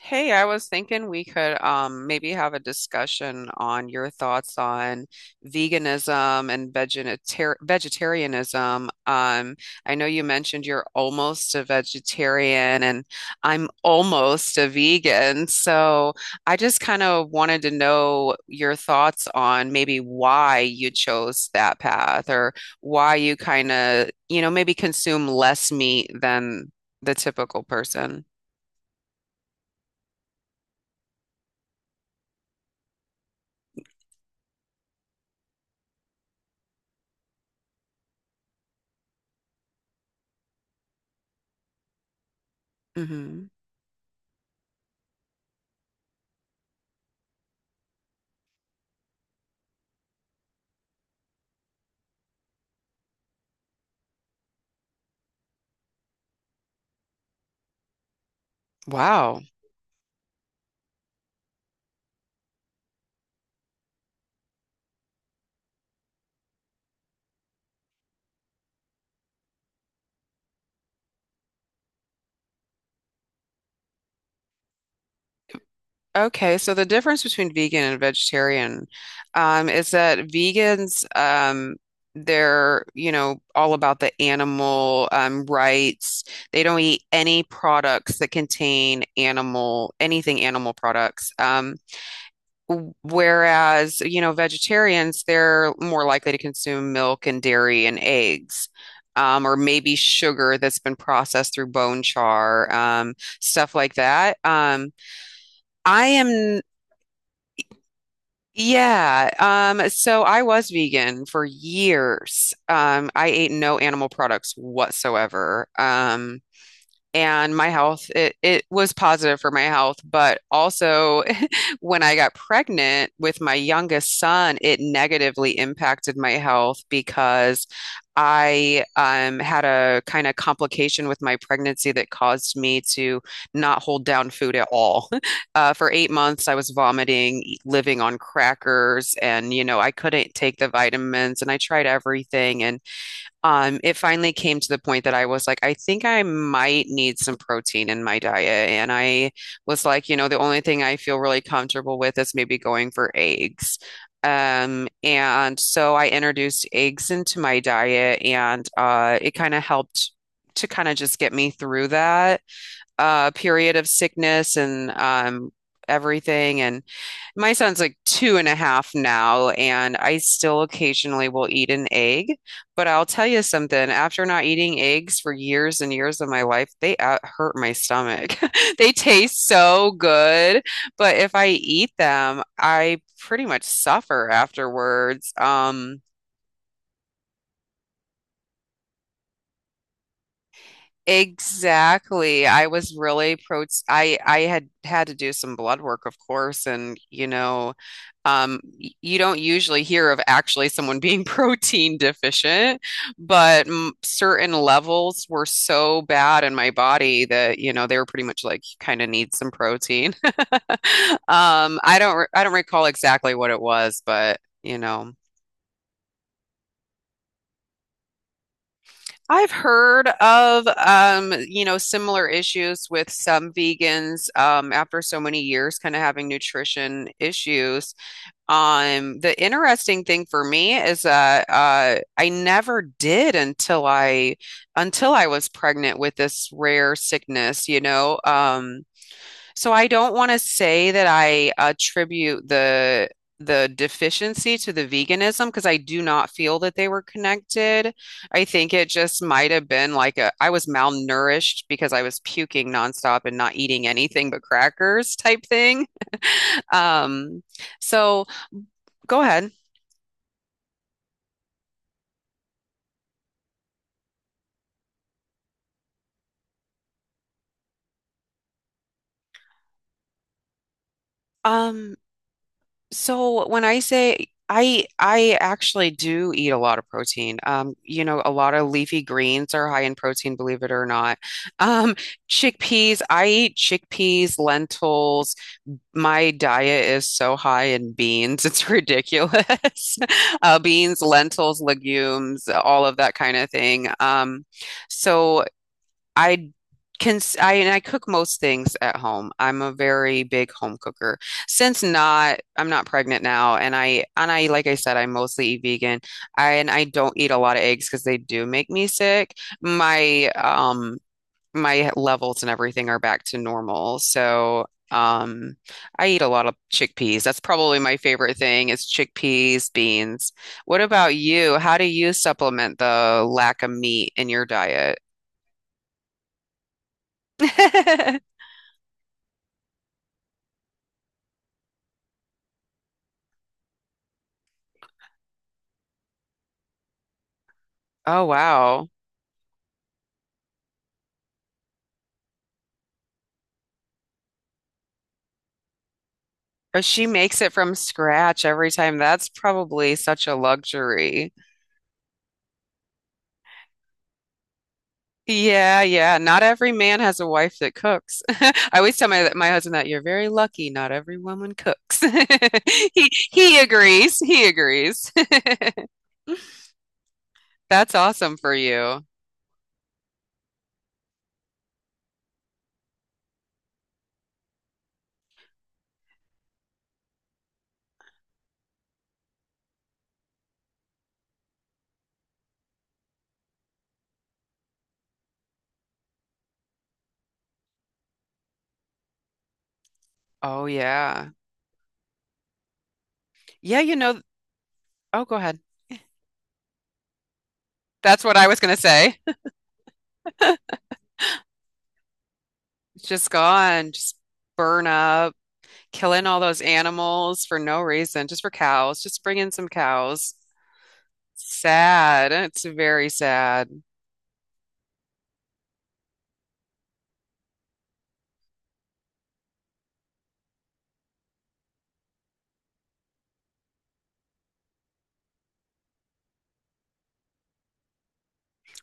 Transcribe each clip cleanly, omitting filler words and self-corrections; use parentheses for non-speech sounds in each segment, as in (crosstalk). Hey, I was thinking we could maybe have a discussion on your thoughts on veganism and vegetarianism. I know you mentioned you're almost a vegetarian, and I'm almost a vegan. So I just kind of wanted to know your thoughts on maybe why you chose that path or why you kind of, you know, maybe consume less meat than the typical person. Hmm. Wow. Okay, so the difference between vegan and vegetarian is that vegans, they're, you know, all about the animal rights. They don't eat any products that contain anything animal products. Whereas, you know, vegetarians, they're more likely to consume milk and dairy and eggs. Or maybe sugar that's been processed through bone char, stuff like that. I am. Yeah, so I was vegan for years. I ate no animal products whatsoever. And my health, it was positive for my health but also (laughs) when I got pregnant with my youngest son, it negatively impacted my health because I had a kind of complication with my pregnancy that caused me to not hold down food at all. (laughs) For 8 months I was vomiting, living on crackers, and you know, I couldn't take the vitamins and I tried everything. And it finally came to the point that I was like, I think I might need some protein in my diet. And I was like, you know, the only thing I feel really comfortable with is maybe going for eggs. And so I introduced eggs into my diet, and it kind of helped to kind of just get me through that period of sickness and everything. And my son's like two and a half now, and I still occasionally will eat an egg. But I'll tell you something, after not eating eggs for years and years of my life, they hurt my stomach. (laughs) They taste so good, but if I eat them, I pretty much suffer afterwards. Exactly. I was really pro I had had to do some blood work, of course, and you know. Um, you don't usually hear of actually someone (laughs) being protein deficient, but m certain levels were so bad in my body that, you know, they were pretty much like, you kind of need some protein. (laughs) I don't recall exactly what it was, but, you know, I've heard of you know, similar issues with some vegans after so many years kind of having nutrition issues. The interesting thing for me is that uh, I never did until I was pregnant with this rare sickness, you know. So I don't want to say that I attribute the deficiency to the veganism because I do not feel that they were connected. I think it just might have been like a I was malnourished because I was puking nonstop and not eating anything but crackers type thing. (laughs) Um, so. Go ahead. Um, so when I say I actually do eat a lot of protein. You know, a lot of leafy greens are high in protein, believe it or not. Um, I eat chickpeas, lentils. My diet is so high in beans, it's ridiculous. (laughs) Beans, lentils, legumes, all of that kind of thing. So I can I and I cook most things at home. I'm a very big home cooker. Since not I'm not pregnant now, and I like I said, I mostly eat vegan. I don't eat a lot of eggs because they do make me sick. My um my levels and everything are back to normal. So um I eat a lot of chickpeas. That's probably my favorite thing, is chickpeas, beans. What about you? How do you supplement the lack of meat in your diet? (laughs) Oh, wow. Or she makes it from scratch every time. That's probably such a luxury. Yeah, yeah. Not every man has a wife that cooks. (laughs) I always tell my husband that you're very lucky. Not every woman cooks. (laughs) He agrees. He agrees. (laughs) That's awesome for you. Oh yeah. Yeah, you know, oh, go ahead. That's what I was gonna say. (laughs) It's just gone, just burn up, killing all those animals for no reason, just for cows, just bring in some cows. Sad. It's very sad.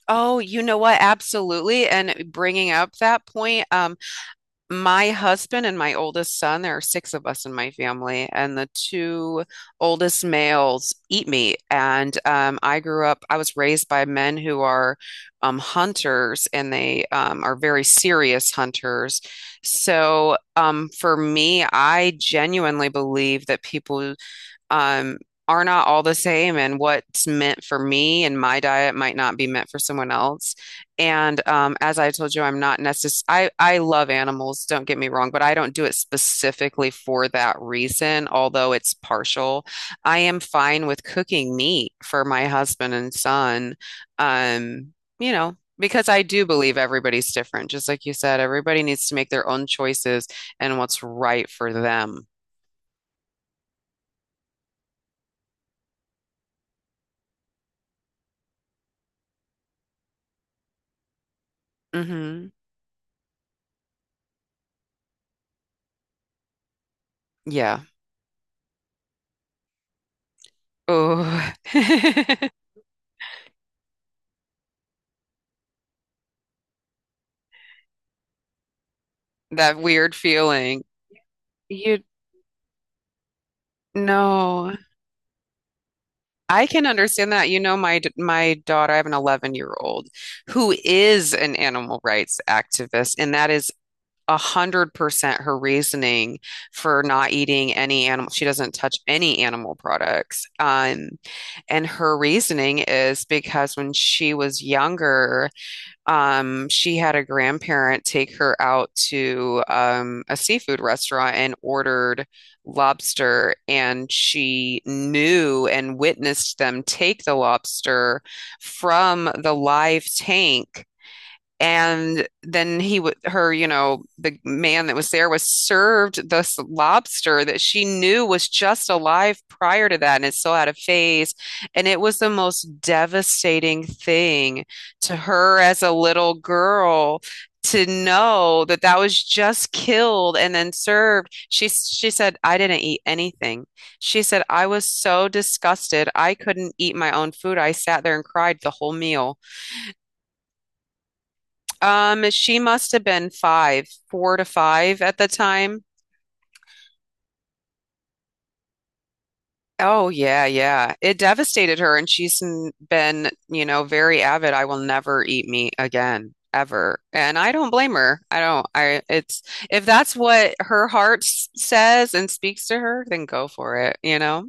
Oh, you know what? Absolutely. And bringing up that point, my husband and my oldest son, there are six of us in my family, and the two oldest males eat meat. And I grew up, I was raised by men who are hunters, and they are very serious hunters. So for me, I genuinely believe that people. um, are not all the same, and what's meant for me and my diet might not be meant for someone else. And as I told you, I'm not necess- I love animals, don't get me wrong, but I don't do it specifically for that reason, although it's partial. I am fine with cooking meat for my husband and son. Um, you know, because I do believe everybody's different. Just like you said, everybody needs to make their own choices and what's right for them. Hmm. Yeah. Oh, (laughs) that weird feeling. You know, I can understand that. My daughter, I have an 11-year-old who is an animal rights activist, and that is 100% her reasoning for not eating any animal. She doesn't touch any animal products. And her reasoning is because when she was younger, she had a grandparent take her out to a seafood restaurant and ordered lobster, and she knew and witnessed them take the lobster from the live tank. And then he would her you know, the man that was there was served this lobster that she knew was just alive prior to that, and it still had a face. And it was the most devastating thing to her as a little girl, to know that that was just killed and then served. She said, I didn't eat anything. She said, I was so disgusted I couldn't eat my own food. I sat there and cried the whole meal. She must have been five, four to five at the time. Oh yeah, yeah. It devastated her, and been, you know, very avid. I will never eat meat again, ever. And I don't blame her. I don't. I It's if that's what her says and speaks to her, then go for it, you know?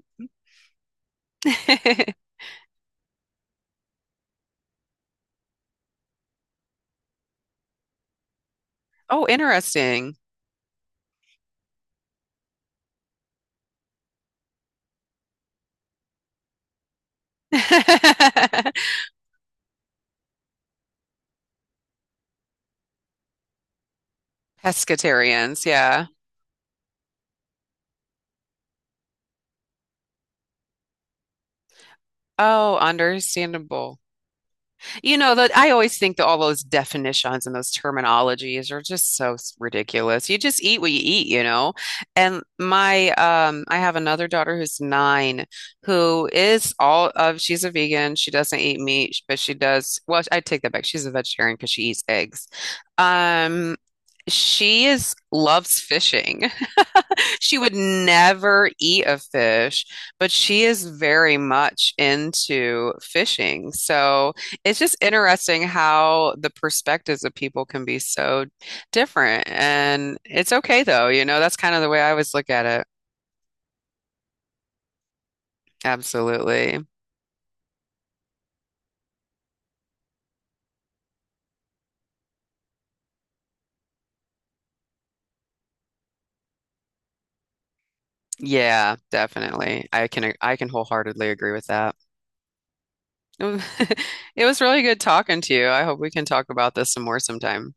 (laughs) Oh, interesting. (laughs) Pescatarians, yeah. Oh, understandable. You know, that I always think that all those definitions and those terminologies are just so ridiculous. You just eat what you eat, you know. And my I have another daughter who's nine who is all of she's a vegan. She doesn't eat meat, but I take that back. She's a vegetarian because she eats eggs. Um she is loves fishing. (laughs) She would never eat a fish, but she is very much into fishing. So it's just interesting how the perspectives of people can be so different. And it's okay though, you know, that's kind of the way I always look at it. Absolutely. Yeah, definitely. I can wholeheartedly agree with that. (laughs) It was really good talking to you. I hope we can talk about this some more sometime.